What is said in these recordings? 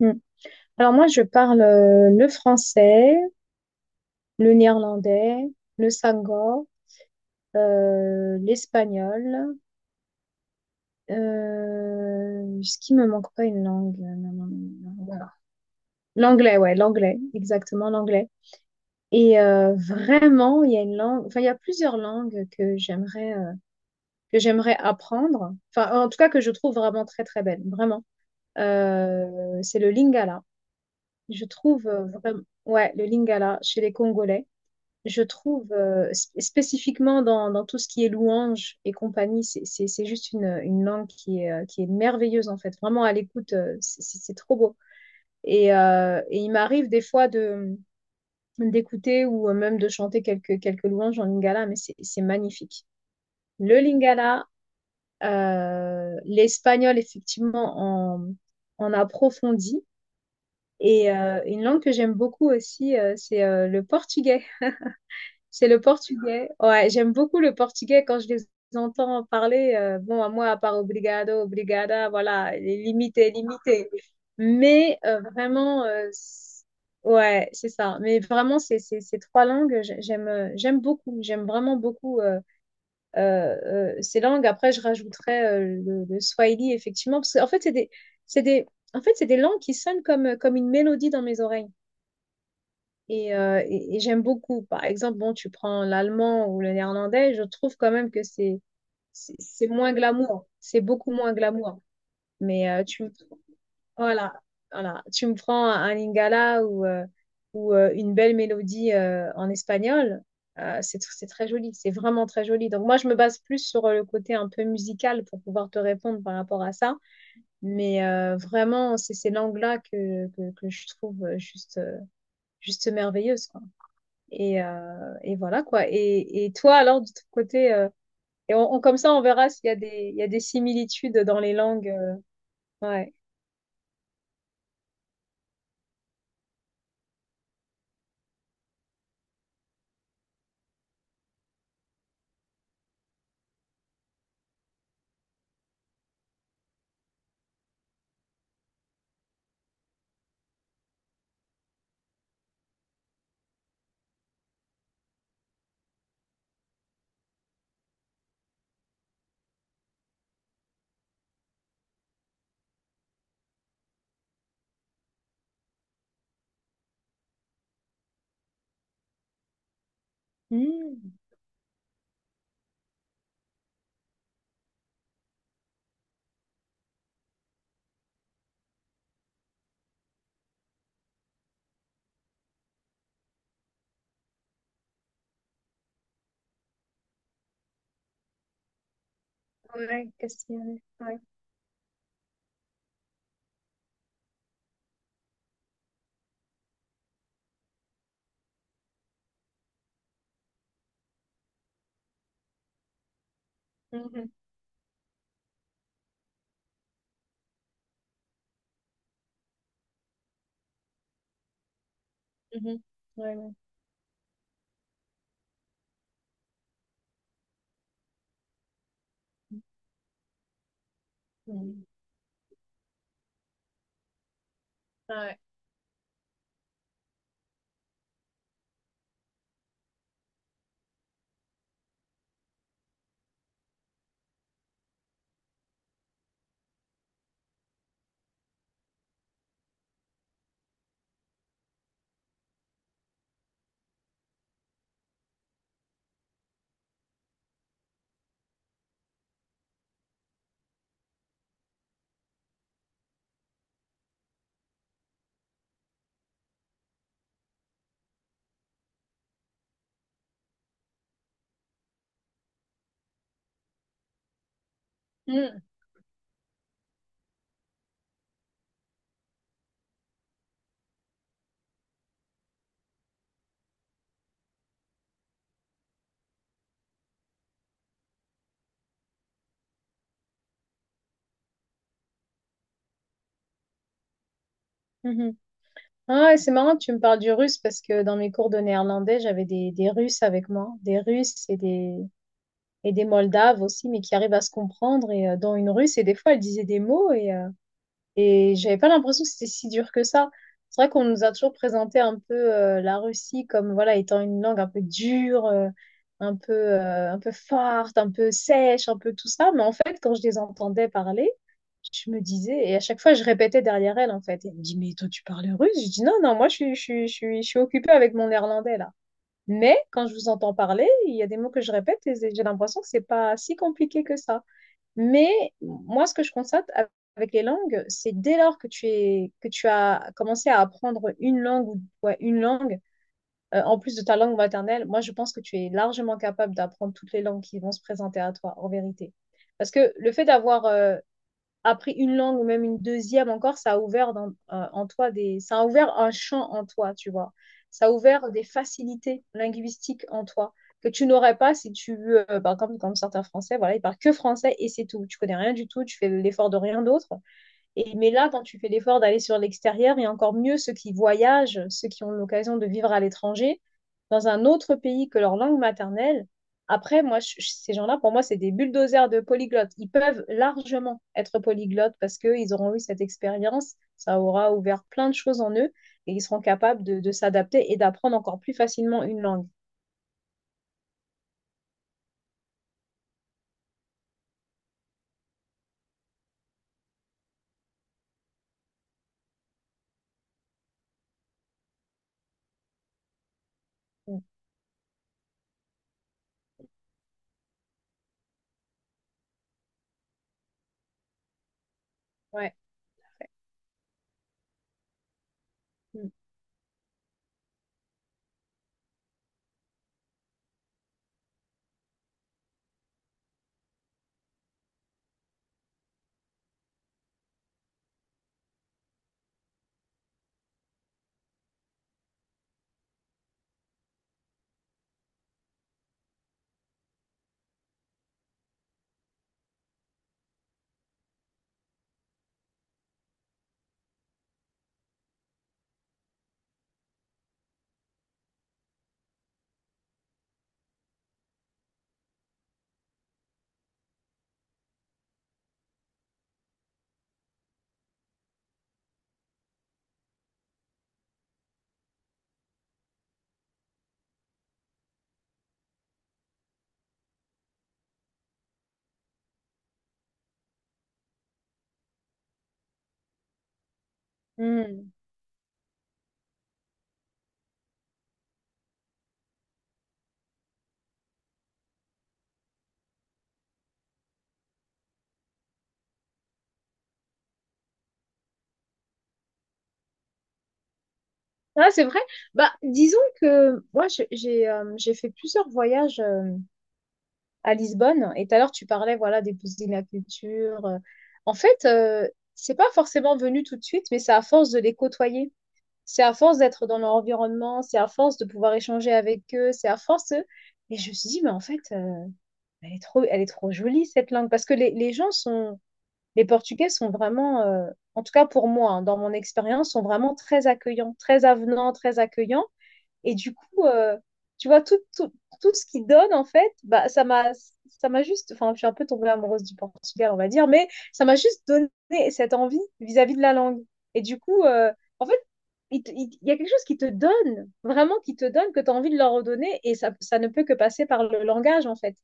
Mm. Alors moi, je parle le français, le néerlandais, le sango, l'espagnol. Ce qui me manque pas une langue. Non, non, non, non, non, voilà. L'anglais, ouais, l'anglais, exactement l'anglais. Et vraiment, il y a une langue, enfin, il y a plusieurs langues que j'aimerais apprendre. Enfin, en tout cas, que je trouve vraiment très très belle, vraiment. C'est le lingala. Je trouve vraiment, ouais, le lingala chez les Congolais. Je trouve spécifiquement dans, dans tout ce qui est louange et compagnie, c'est juste une langue qui est merveilleuse en fait. Vraiment à l'écoute, c'est trop beau. Et il m'arrive des fois de d'écouter ou même de chanter quelques, quelques louanges en lingala, mais c'est magnifique. Le lingala, l'espagnol effectivement en, en approfondit. Et une langue que j'aime beaucoup aussi, c'est le portugais. C'est le portugais. Ouais, j'aime beaucoup le portugais quand je les entends parler. Bon, à moi, à part obrigado, obrigada, voilà, il est limité, limité. Mais vraiment, ouais, c'est ça. Mais vraiment, ces trois langues, j'aime, j'aime beaucoup. J'aime vraiment beaucoup euh, ces langues. Après, je rajouterais le swahili, effectivement, parce qu'en fait, c'est des, en fait, c'est des langues qui sonnent comme, comme une mélodie dans mes oreilles. Et, et j'aime beaucoup. Par exemple, bon, tu prends l'allemand ou le néerlandais, je trouve quand même que c'est moins glamour. C'est beaucoup moins glamour. Mais tu me voilà, voilà, tu me prends un lingala ou une belle mélodie en espagnol, c'est très joli. C'est vraiment très joli. Donc moi, je me base plus sur le côté un peu musical pour pouvoir te répondre par rapport à ça. Mais vraiment, c'est ces langues-là que je trouve juste juste merveilleuses, quoi. Et voilà quoi. Et toi, alors, de ton côté, et comme ça, on verra s'il y a il y a des similitudes dans les langues. Ouais. Hmm. Ouais, castillanais. Ouais. Mhm, mhm. Ouais, ouais. Mhm. Ouais. Mhm. Mhm. Ah ouais, c'est marrant que tu me parles du russe parce que dans mes cours de néerlandais, j'avais des Russes avec moi, des Russes et des Moldaves aussi, mais qui arrivent à se comprendre et dont une Russe et des fois elle disait des mots et et j'avais pas l'impression que c'était si dur que ça. C'est vrai qu'on nous a toujours présenté un peu la Russie comme voilà étant une langue un peu dure, un peu forte, un peu sèche, un peu tout ça. Mais en fait, quand je les entendais parler, je me disais et à chaque fois je répétais derrière elle en fait. Elle me dit mais toi tu parles russe? Je dis non non moi je suis occupée avec mon néerlandais là. Mais quand je vous entends parler, il y a des mots que je répète et j'ai l'impression que c'est pas si compliqué que ça. Mais moi, ce que je constate avec les langues, c'est dès lors que que tu as commencé à apprendre une langue ou ouais, une langue, en plus de ta langue maternelle, moi, je pense que tu es largement capable d'apprendre toutes les langues qui vont se présenter à toi, en vérité. Parce que le fait d'avoir appris une langue ou même une deuxième encore, ça a ouvert un champ en toi, tu vois. Ça a ouvert des facilités linguistiques en toi que tu n'aurais pas si tu, par exemple, comme certains Français, voilà, ils parlent que français et c'est tout. Tu connais rien du tout, tu fais l'effort de rien d'autre. Et, mais là, quand tu fais l'effort d'aller sur l'extérieur, et encore mieux ceux qui voyagent, ceux qui ont l'occasion de vivre à l'étranger, dans un autre pays que leur langue maternelle, après, ces gens-là, pour moi, c'est des bulldozers de polyglottes. Ils peuvent largement être polyglottes parce qu'ils auront eu cette expérience, ça aura ouvert plein de choses en eux, et ils seront capables de s'adapter et d'apprendre encore plus facilement une langue. Mm. Ouais. Mm. Mm. Ah, c'est vrai. Bah, disons que moi, j'ai fait plusieurs voyages. À Lisbonne. Et tout à l'heure, tu parlais voilà, des poussinacutures. En fait, c'est pas forcément venu tout de suite, mais c'est à force de les côtoyer. C'est à force d'être dans leur environnement, c'est à force de pouvoir échanger avec eux, c'est à force. De- Et je me suis dit, mais en fait, elle est trop jolie cette langue. Parce que les gens sont, les Portugais sont vraiment, en tout cas pour moi, hein, dans mon expérience, sont vraiment très accueillants, très avenants, très accueillants. Et du coup, tu vois, tout ce qu'il donne, en fait, bah, ça m'a juste, enfin, je suis un peu tombée amoureuse du portugais, on va dire, mais ça m'a juste donné cette envie vis-à-vis de la langue. Et du coup, en fait, il y a quelque chose qui te donne, vraiment qui te donne, que tu as envie de leur redonner, et ça ne peut que passer par le langage, en fait.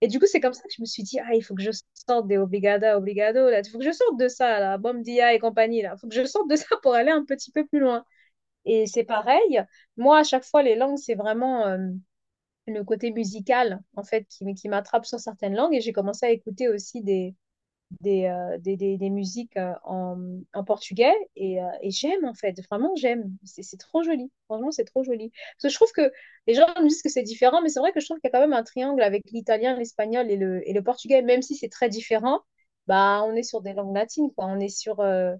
Et du coup, c'est comme ça que je me suis dit, ah, il faut que je sorte des obrigada obrigado là, il faut que je sorte de ça, là, bom dia et compagnie, là, il faut que je sorte de ça pour aller un petit peu plus loin. Et c'est pareil, moi, à chaque fois, les langues, c'est vraiment le côté musical, en fait, qui m'attrape sur certaines langues. Et j'ai commencé à écouter aussi des musiques en portugais. Et j'aime, en fait, vraiment, j'aime. C'est trop joli. Franchement, c'est trop joli. Parce que je trouve que les gens me disent que c'est différent, mais c'est vrai que je trouve qu'il y a quand même un triangle avec l'italien, l'espagnol et et le portugais. Même si c'est très différent, bah, on est sur des langues latines, quoi. On est sur...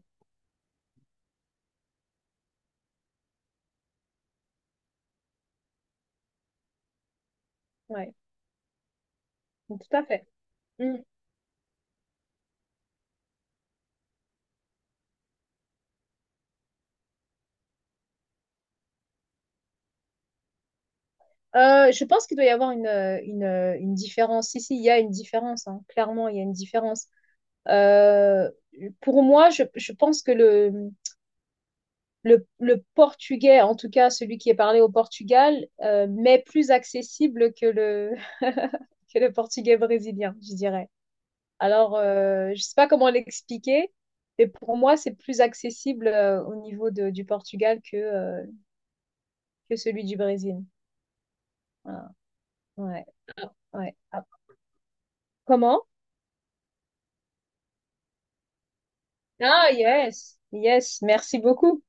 Ouais, tout à fait. Mm. Je pense qu'il doit y avoir une différence. Si, si, il y a une différence, hein. Clairement, il y a une différence. Euh, pour moi, je pense que le portugais, en tout cas celui qui est parlé au Portugal, m'est plus accessible que le, que le portugais brésilien, je dirais. Alors, je sais pas comment l'expliquer, mais pour moi, c'est plus accessible du Portugal que celui du Brésil. Voilà. Ouais, ouais. Ah, comment? Ah, yes, yes, merci beaucoup.